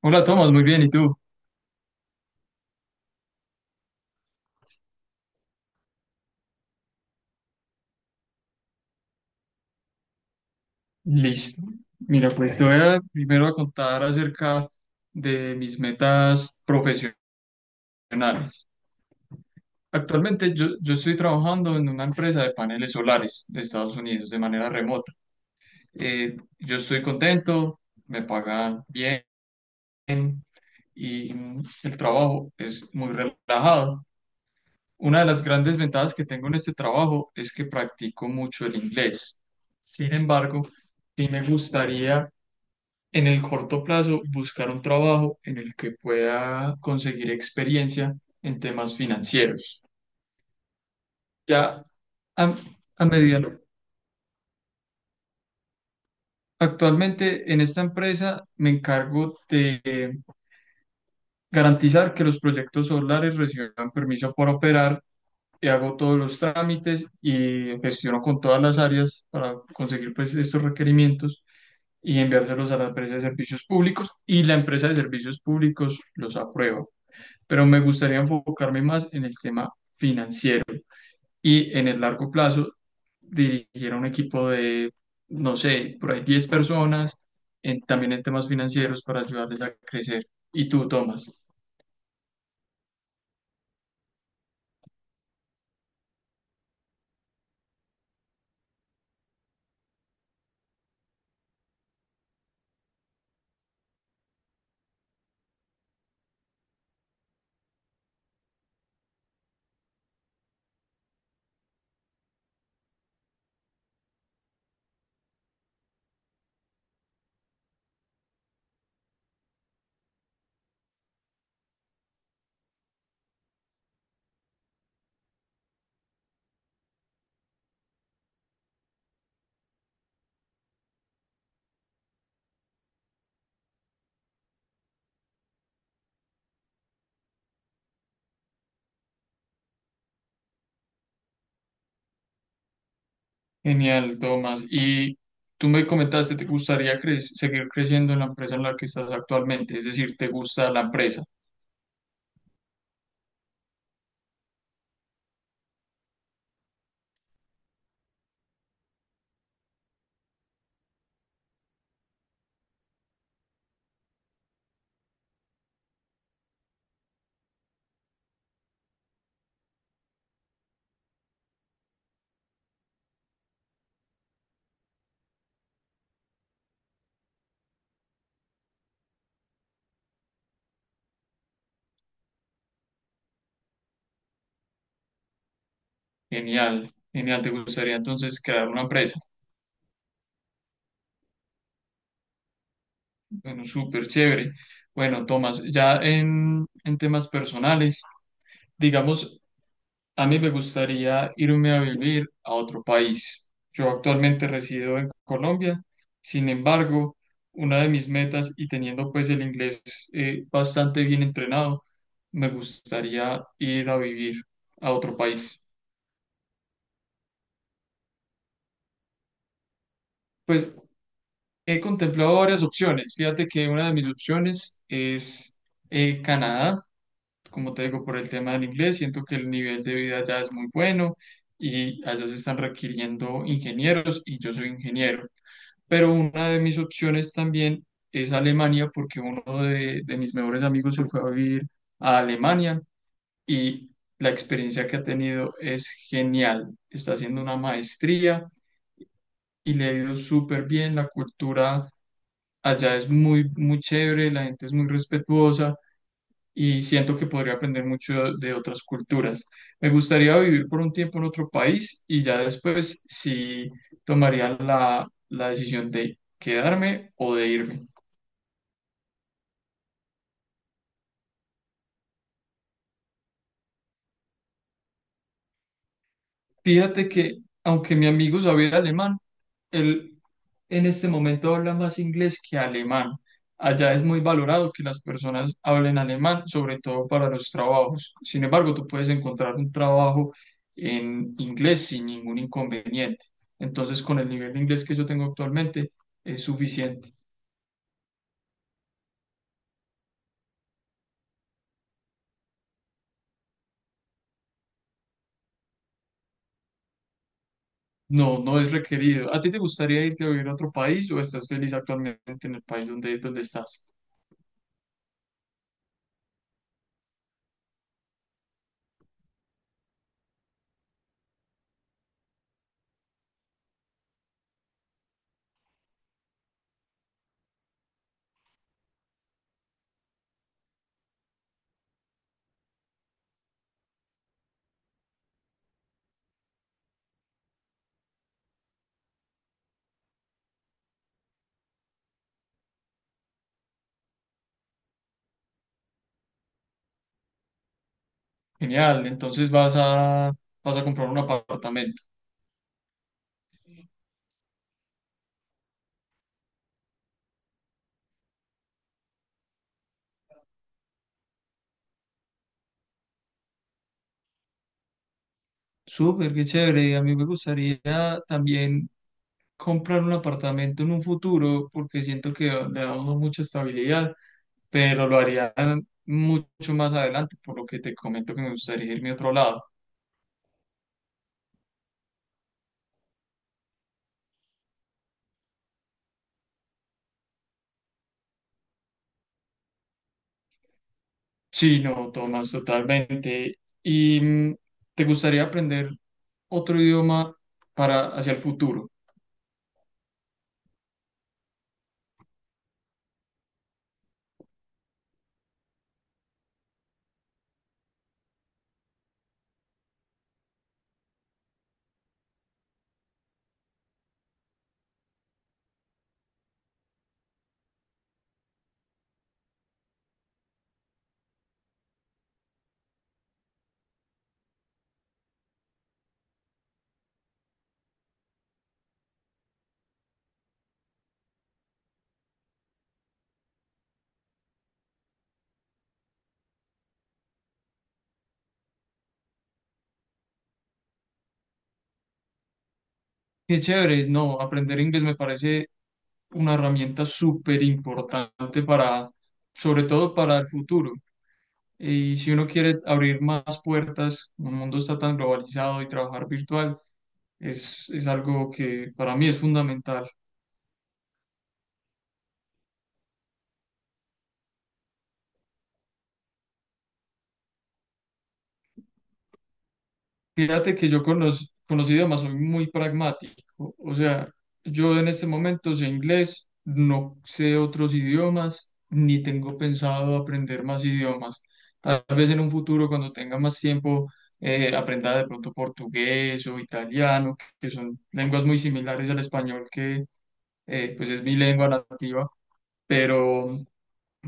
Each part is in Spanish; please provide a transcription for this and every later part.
Hola Tomás, muy bien, ¿y tú? Listo. Mira, pues te voy a primero a contar acerca de mis metas profesionales. Actualmente yo estoy trabajando en una empresa de paneles solares de Estados Unidos de manera remota. Yo estoy contento, me pagan bien y el trabajo es muy relajado. Una de las grandes ventajas que tengo en este trabajo es que practico mucho el inglés. Sin embargo, sí me gustaría en el corto plazo buscar un trabajo en el que pueda conseguir experiencia en temas financieros. Ya a, a medida, actualmente en esta empresa me encargo de garantizar que los proyectos solares reciban permiso para operar. Y hago todos los trámites y gestiono con todas las áreas para conseguir pues estos requerimientos y enviárselos a la empresa de servicios públicos, y la empresa de servicios públicos los aprueba. Pero me gustaría enfocarme más en el tema financiero y en el largo plazo dirigir a un equipo de, no sé, por ahí 10 personas, también en temas financieros para ayudarles a crecer. ¿Y tú, Tomás? Genial, Tomás. Y tú me comentaste, ¿te gustaría seguir creciendo en la empresa en la que estás actualmente? Es decir, ¿te gusta la empresa? Genial, genial. ¿Te gustaría entonces crear una empresa? Bueno, súper chévere. Bueno, Tomás, ya en temas personales. Digamos, a mí me gustaría irme a vivir a otro país. Yo actualmente resido en Colombia, sin embargo, una de mis metas y teniendo pues el inglés bastante bien entrenado, me gustaría ir a vivir a otro país. Pues he contemplado varias opciones. Fíjate que una de mis opciones es, Canadá. Como te digo, por el tema del inglés, siento que el nivel de vida allá es muy bueno y allá se están requiriendo ingenieros y yo soy ingeniero. Pero una de mis opciones también es Alemania porque uno de mis mejores amigos se fue a vivir a Alemania, y la experiencia que ha tenido es genial. Está haciendo una maestría y le ha ido súper bien. La cultura allá es muy, muy chévere, la gente es muy respetuosa y siento que podría aprender mucho de otras culturas. Me gustaría vivir por un tiempo en otro país y ya después sí tomaría la decisión de quedarme o de irme. Fíjate que aunque mi amigo sabía alemán, él en este momento habla más inglés que alemán. Allá es muy valorado que las personas hablen alemán, sobre todo para los trabajos. Sin embargo, tú puedes encontrar un trabajo en inglés sin ningún inconveniente. Entonces, con el nivel de inglés que yo tengo actualmente, es suficiente. No, no es requerido. ¿A ti te gustaría irte a vivir a otro país o estás feliz actualmente en el país donde estás? Genial, entonces vas a comprar un apartamento. Súper, qué chévere. A mí me gustaría también comprar un apartamento en un futuro porque siento que le da a uno mucha estabilidad, pero lo haría mucho más adelante, por lo que te comento que me gustaría irme a otro lado. Sí, no, Tomás, totalmente. ¿Y te gustaría aprender otro idioma para hacia el futuro? Qué chévere, no, aprender inglés me parece una herramienta súper importante para, sobre todo para el futuro. Y si uno quiere abrir más puertas, el mundo está tan globalizado, y trabajar virtual es algo que para mí es fundamental. Fíjate que yo con los idiomas soy muy pragmático. O sea, yo en este momento sé inglés, no sé otros idiomas, ni tengo pensado aprender más idiomas. Tal vez en un futuro, cuando tenga más tiempo, aprenda de pronto portugués o italiano, que son lenguas muy similares al español, que, pues es mi lengua nativa. Pero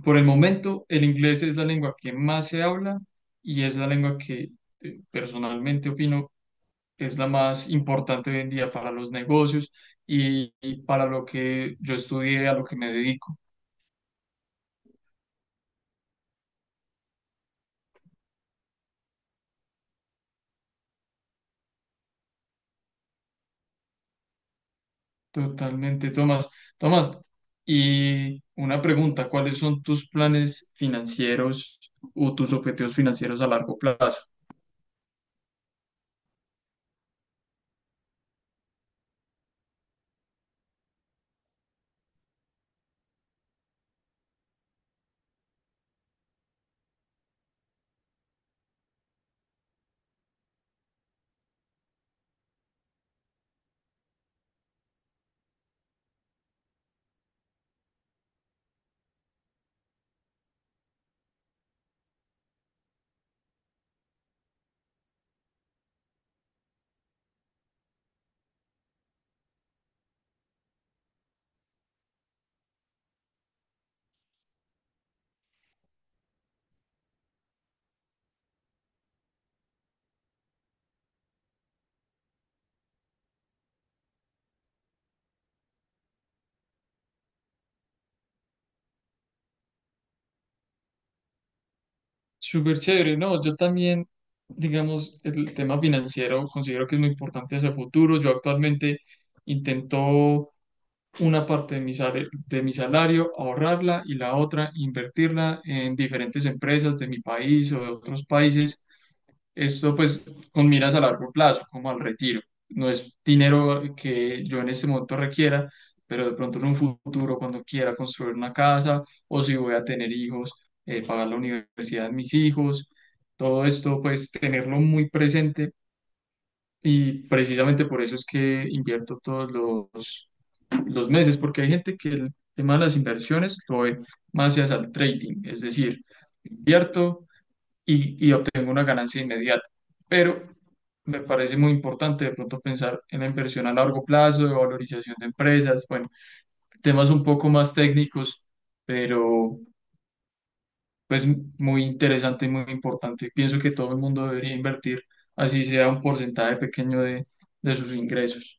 por el momento, el inglés es la lengua que más se habla y es la lengua que, personalmente opino, es la más importante hoy en día para los negocios y para lo que yo estudié, a lo que me dedico. Totalmente, Tomás. Tomás, y una pregunta, ¿cuáles son tus planes financieros o tus objetivos financieros a largo plazo? Súper chévere, ¿no? Yo también, digamos, el tema financiero considero que es muy importante hacia el futuro. Yo actualmente intento una parte de de mi salario, ahorrarla y la otra invertirla en diferentes empresas de mi país o de otros países. Esto pues con miras a largo plazo, como al retiro. No es dinero que yo en este momento requiera, pero de pronto en un futuro, cuando quiera construir una casa o si voy a tener hijos, pagar la universidad de mis hijos, todo esto pues tenerlo muy presente, y precisamente por eso es que invierto todos los los meses, porque hay gente que el tema de las inversiones lo ve más hacia el trading, es decir, invierto y obtengo una ganancia inmediata. Pero me parece muy importante de pronto pensar en la inversión a largo plazo, de valorización de empresas, bueno, temas un poco más técnicos, pero pues muy interesante y muy importante. Pienso que todo el mundo debería invertir, así sea un porcentaje pequeño de sus ingresos.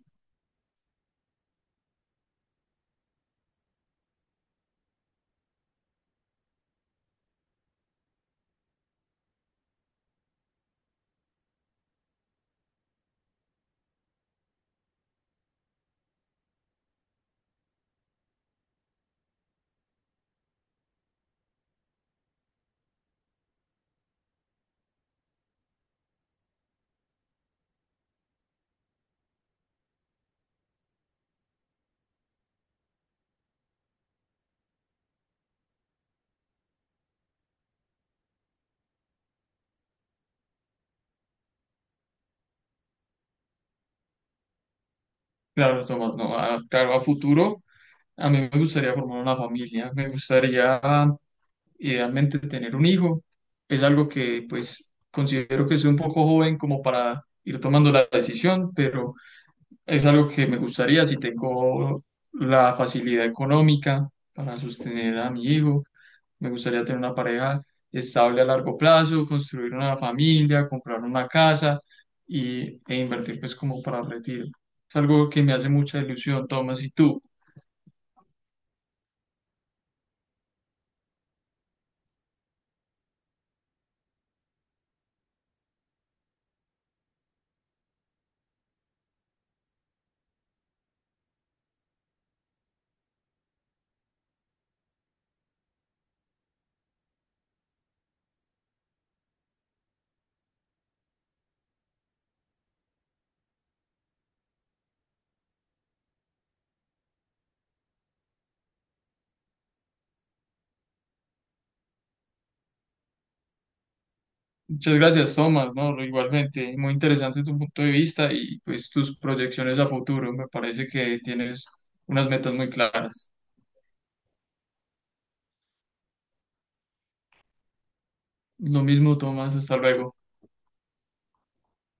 Claro, Tomás, no, claro, a futuro a mí me gustaría formar una familia, me gustaría idealmente tener un hijo. Es algo que pues considero que soy un poco joven como para ir tomando la decisión, pero es algo que me gustaría si tengo la facilidad económica para sostener a mi hijo. Me gustaría tener una pareja estable a largo plazo, construir una familia, comprar una casa y, e invertir pues como para el retiro. Es algo que me hace mucha ilusión, Tomás, ¿y tú? Muchas gracias, Tomás, ¿no? Igualmente, muy interesante tu punto de vista y pues tus proyecciones a futuro. Me parece que tienes unas metas muy claras. Lo mismo, Tomás, hasta luego.